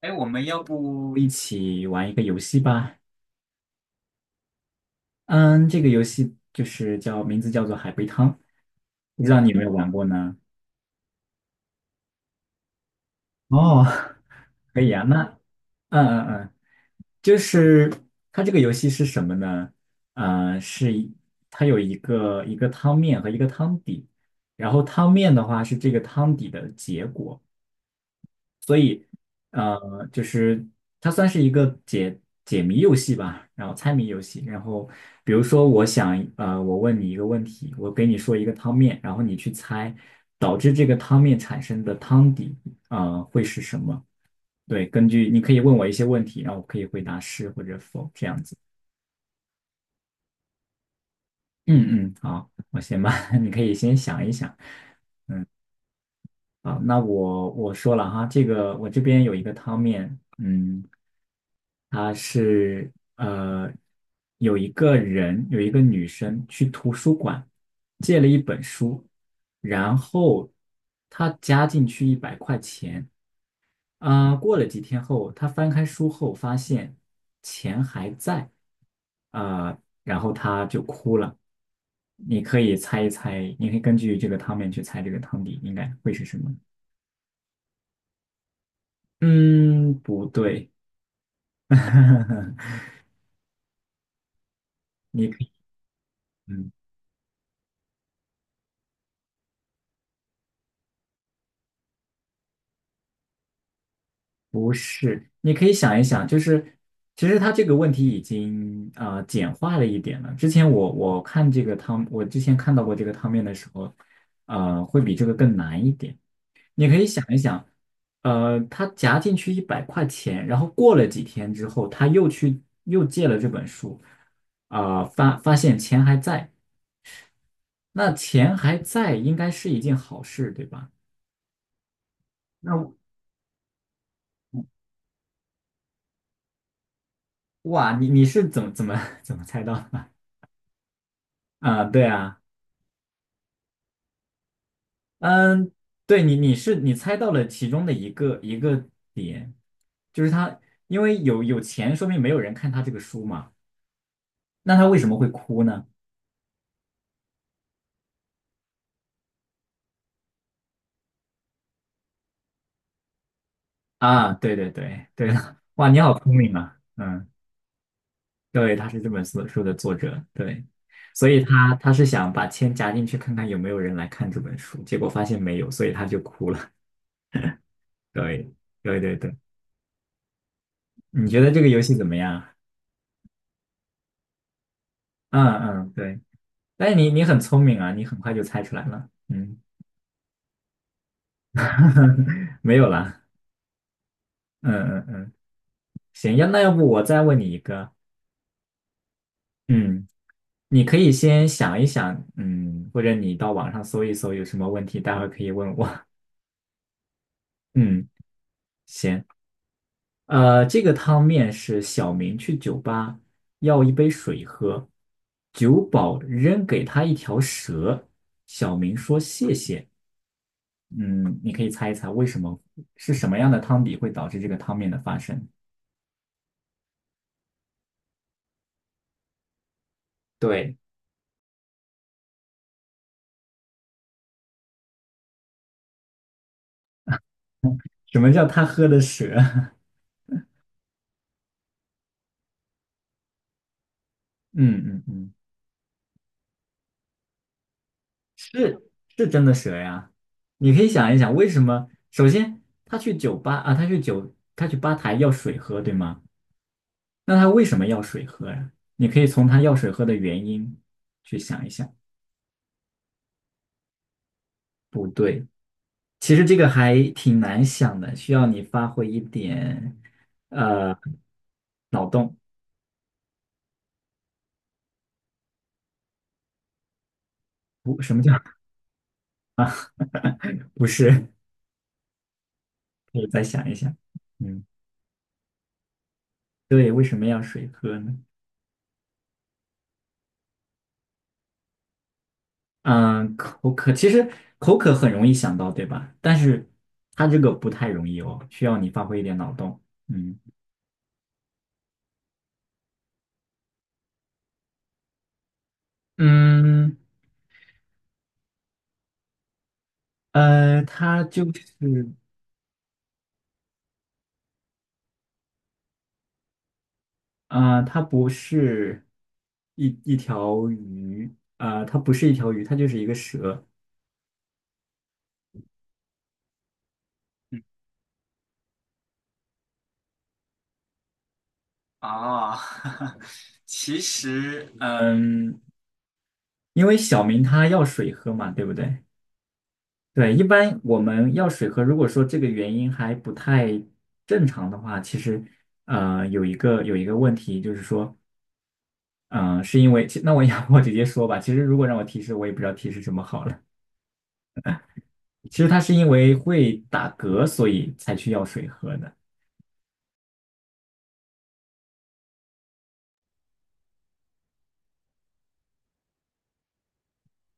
哎，我们要不一起玩一个游戏吧？嗯，这个游戏就是叫名字叫做海龟汤，不知道你有没有玩过呢？哦，可以啊，那嗯嗯嗯，就是它这个游戏是什么呢？呃，是一它有一个汤面和一个汤底，然后汤面的话是这个汤底的结果，就是它算是一个解谜游戏吧，然后猜谜游戏。然后比如说，我想，我问你一个问题，我给你说一个汤面，然后你去猜导致这个汤面产生的汤底，会是什么？对，根据你可以问我一些问题，然后我可以回答是或者否这样子。嗯嗯，好，我先吧，你可以先想一想。啊，那我说了哈，这个我这边有一个汤面，它是呃有一个女生去图书馆借了一本书，然后她加进去一百块钱，过了几天后，她翻开书后发现钱还在，啊、然后她就哭了。你可以猜一猜，你可以根据这个汤面去猜这个汤底应该会是什么。嗯，不对，你可以，嗯，不是，你可以想一想，就是其实他这个问题已经简化了一点了。之前我看这个汤，我之前看到过这个汤面的时候，会比这个更难一点。你可以想一想，他夹进去一百块钱，然后过了几天之后，他又去又借了这本书，发现钱还在，那钱还在应该是一件好事，对吧？那哇，你是怎么 怎么猜到的？啊，对啊，嗯，对你是你猜到了其中的一个点，就是他因为有钱，说明没有人看他这个书嘛，那他为什么会哭呢？啊，对对对对的，哇，你好聪明啊，嗯，对，他是这本书的作者，对，所以他是想把钱夹进去看看有没有人来看这本书，结果发现没有，所以他就哭了，对对对对，你觉得这个游戏怎么样啊？嗯嗯，对。哎，你很聪明啊，你很快就猜出来了。嗯，没有啦。嗯嗯嗯，行，那要不我再问你一个。嗯，你可以先想一想，或者你到网上搜一搜有什么问题，待会儿可以问我。嗯，行。这个汤面是小明去酒吧要一杯水喝，酒保扔给他一条蛇，小明说谢谢。嗯，你可以猜一猜为什么是什么样的汤底会导致这个汤面的发生？对，什么叫他喝的蛇？嗯嗯嗯，是是真的蛇呀。你可以想一想，为什么？首先，他去吧台要水喝，对吗？那他为什么要水喝呀？你可以从他要水喝的原因去想一想。不对，其实这个还挺难想的，需要你发挥一点，呃，不，什么叫 不是？可以再想一想。嗯，对，为什么要水喝呢？嗯，口渴其实口渴很容易想到，对吧？但是它这个不太容易哦，需要你发挥一点脑洞。嗯嗯，它就是它不是一条鱼它不是一条鱼，它就是一个蛇。哦，其实，因为小明他要水喝嘛，对不对？对，一般我们要水喝，如果说这个原因还不太正常的话，其实有一个问题就是说，嗯、是因为其那我要 我直接说吧，其实如果让我提示，我也不知道提示什么好了。其实他是因为会打嗝，所以才去要水喝的。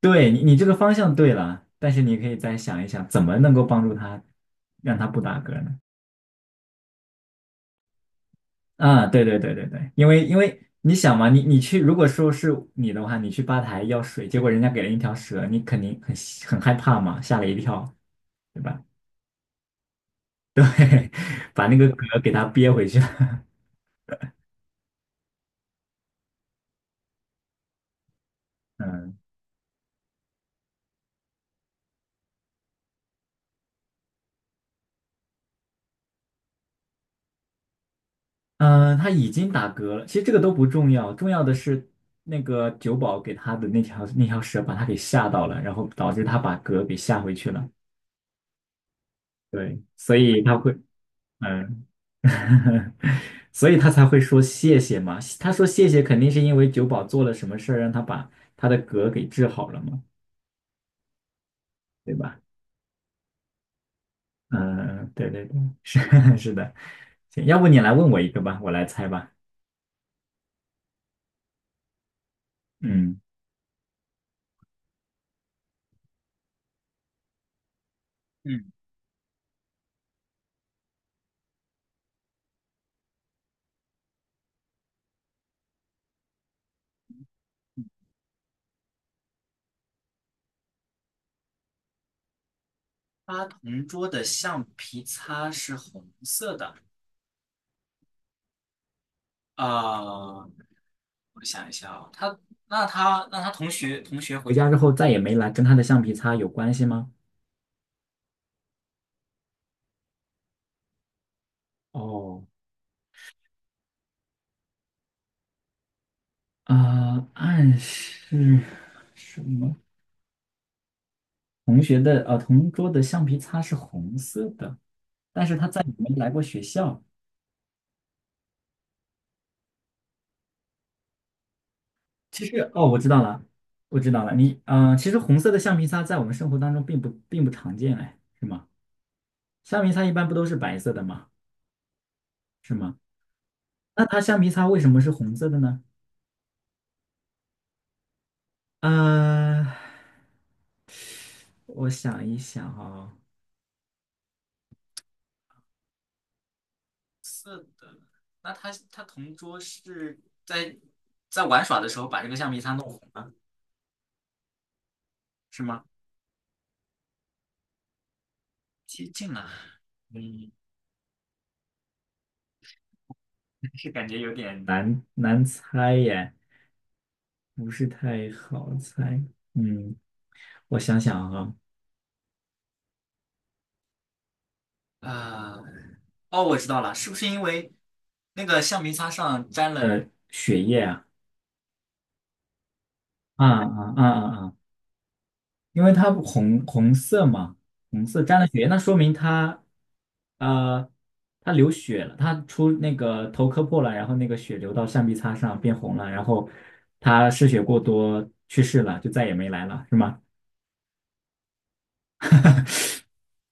对你这个方向对了，但是你可以再想一想，怎么能够帮助他让他不打嗝呢？啊，对对对对对，因为你想嘛，你去，如果说是你的话，你去吧台要水，结果人家给了一条蛇，你肯定很害怕嘛，吓了一跳，对吧？把那个嗝给他憋回去了。嗯嗯，他已经打嗝了，其实这个都不重要，重要的是那个酒保给他的那条蛇把他给吓到了，然后导致他把嗝给吓回去了。对，所以他会，嗯，所以他才会说谢谢嘛。他说谢谢，肯定是因为九保做了什么事儿，让他把他的嗝给治好了嘛，对吧？嗯，对对对，是 是的。行，要不你来问我一个吧，我来猜吧。嗯，嗯，他同桌的橡皮擦是红色的。呃，我想一下啊，他同学回家之后再也没来，跟他的橡皮擦有关系吗？哦，暗示什么？同桌的橡皮擦是红色的，但是他在没来过学校。其实哦，我知道了，我知道了。你，其实红色的橡皮擦在我们生活当中并不常见，哎，是吗？橡皮擦一般不都是白色的吗？是吗？那它橡皮擦为什么是红色的呢？呃，我想一想啊、是的，那他同桌是在在玩耍的时候把这个橡皮擦弄。是吗？接近了，嗯，是感觉有点难猜耶，不是太好猜。嗯，我想想啊，啊、哦，我知道了，是不是因为那个橡皮擦上沾了？血液？啊啊啊啊啊！因为它红色嘛，红色沾了血，那说明它，呃，它流血了，它出那个头磕破了，然后那个血流到橡皮擦上变红了，然后它失血过多去世了，就再也没来了，是吗？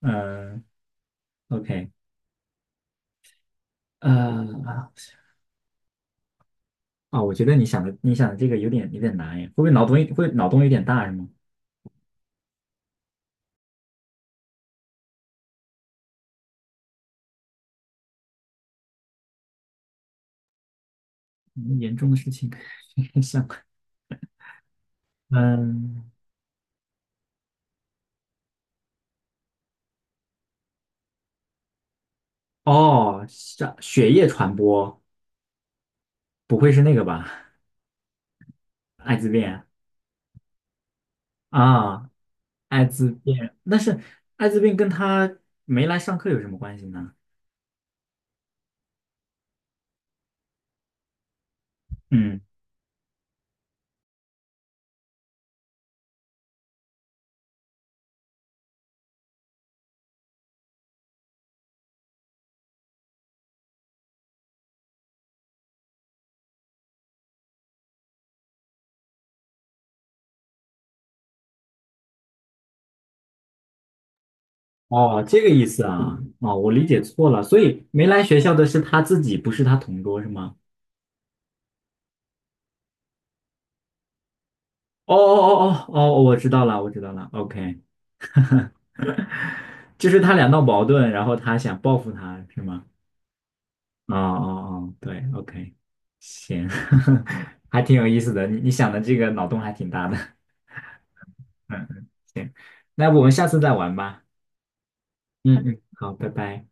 嗯，OK，呃，啊，我觉得你想的这个有点难耶，会不会脑洞会脑洞有点大是吗？嗯严重的事情，像嗯，哦，像血液传播，不会是那个吧？艾滋病。啊，艾滋病，但是艾滋病跟他没来上课有什么关系呢？嗯，哦，这个意思啊，哦，我理解错了，所以没来学校的是他自己，不是他同桌，是吗？哦哦哦哦哦，我知道了，我知道了，OK，就是他俩闹矛盾，然后他想报复他，是吗？哦哦哦，对，OK，行，还挺有意思的，你想的这个脑洞还挺大的，嗯嗯，行，那我们下次再玩吧，嗯嗯，好，拜拜。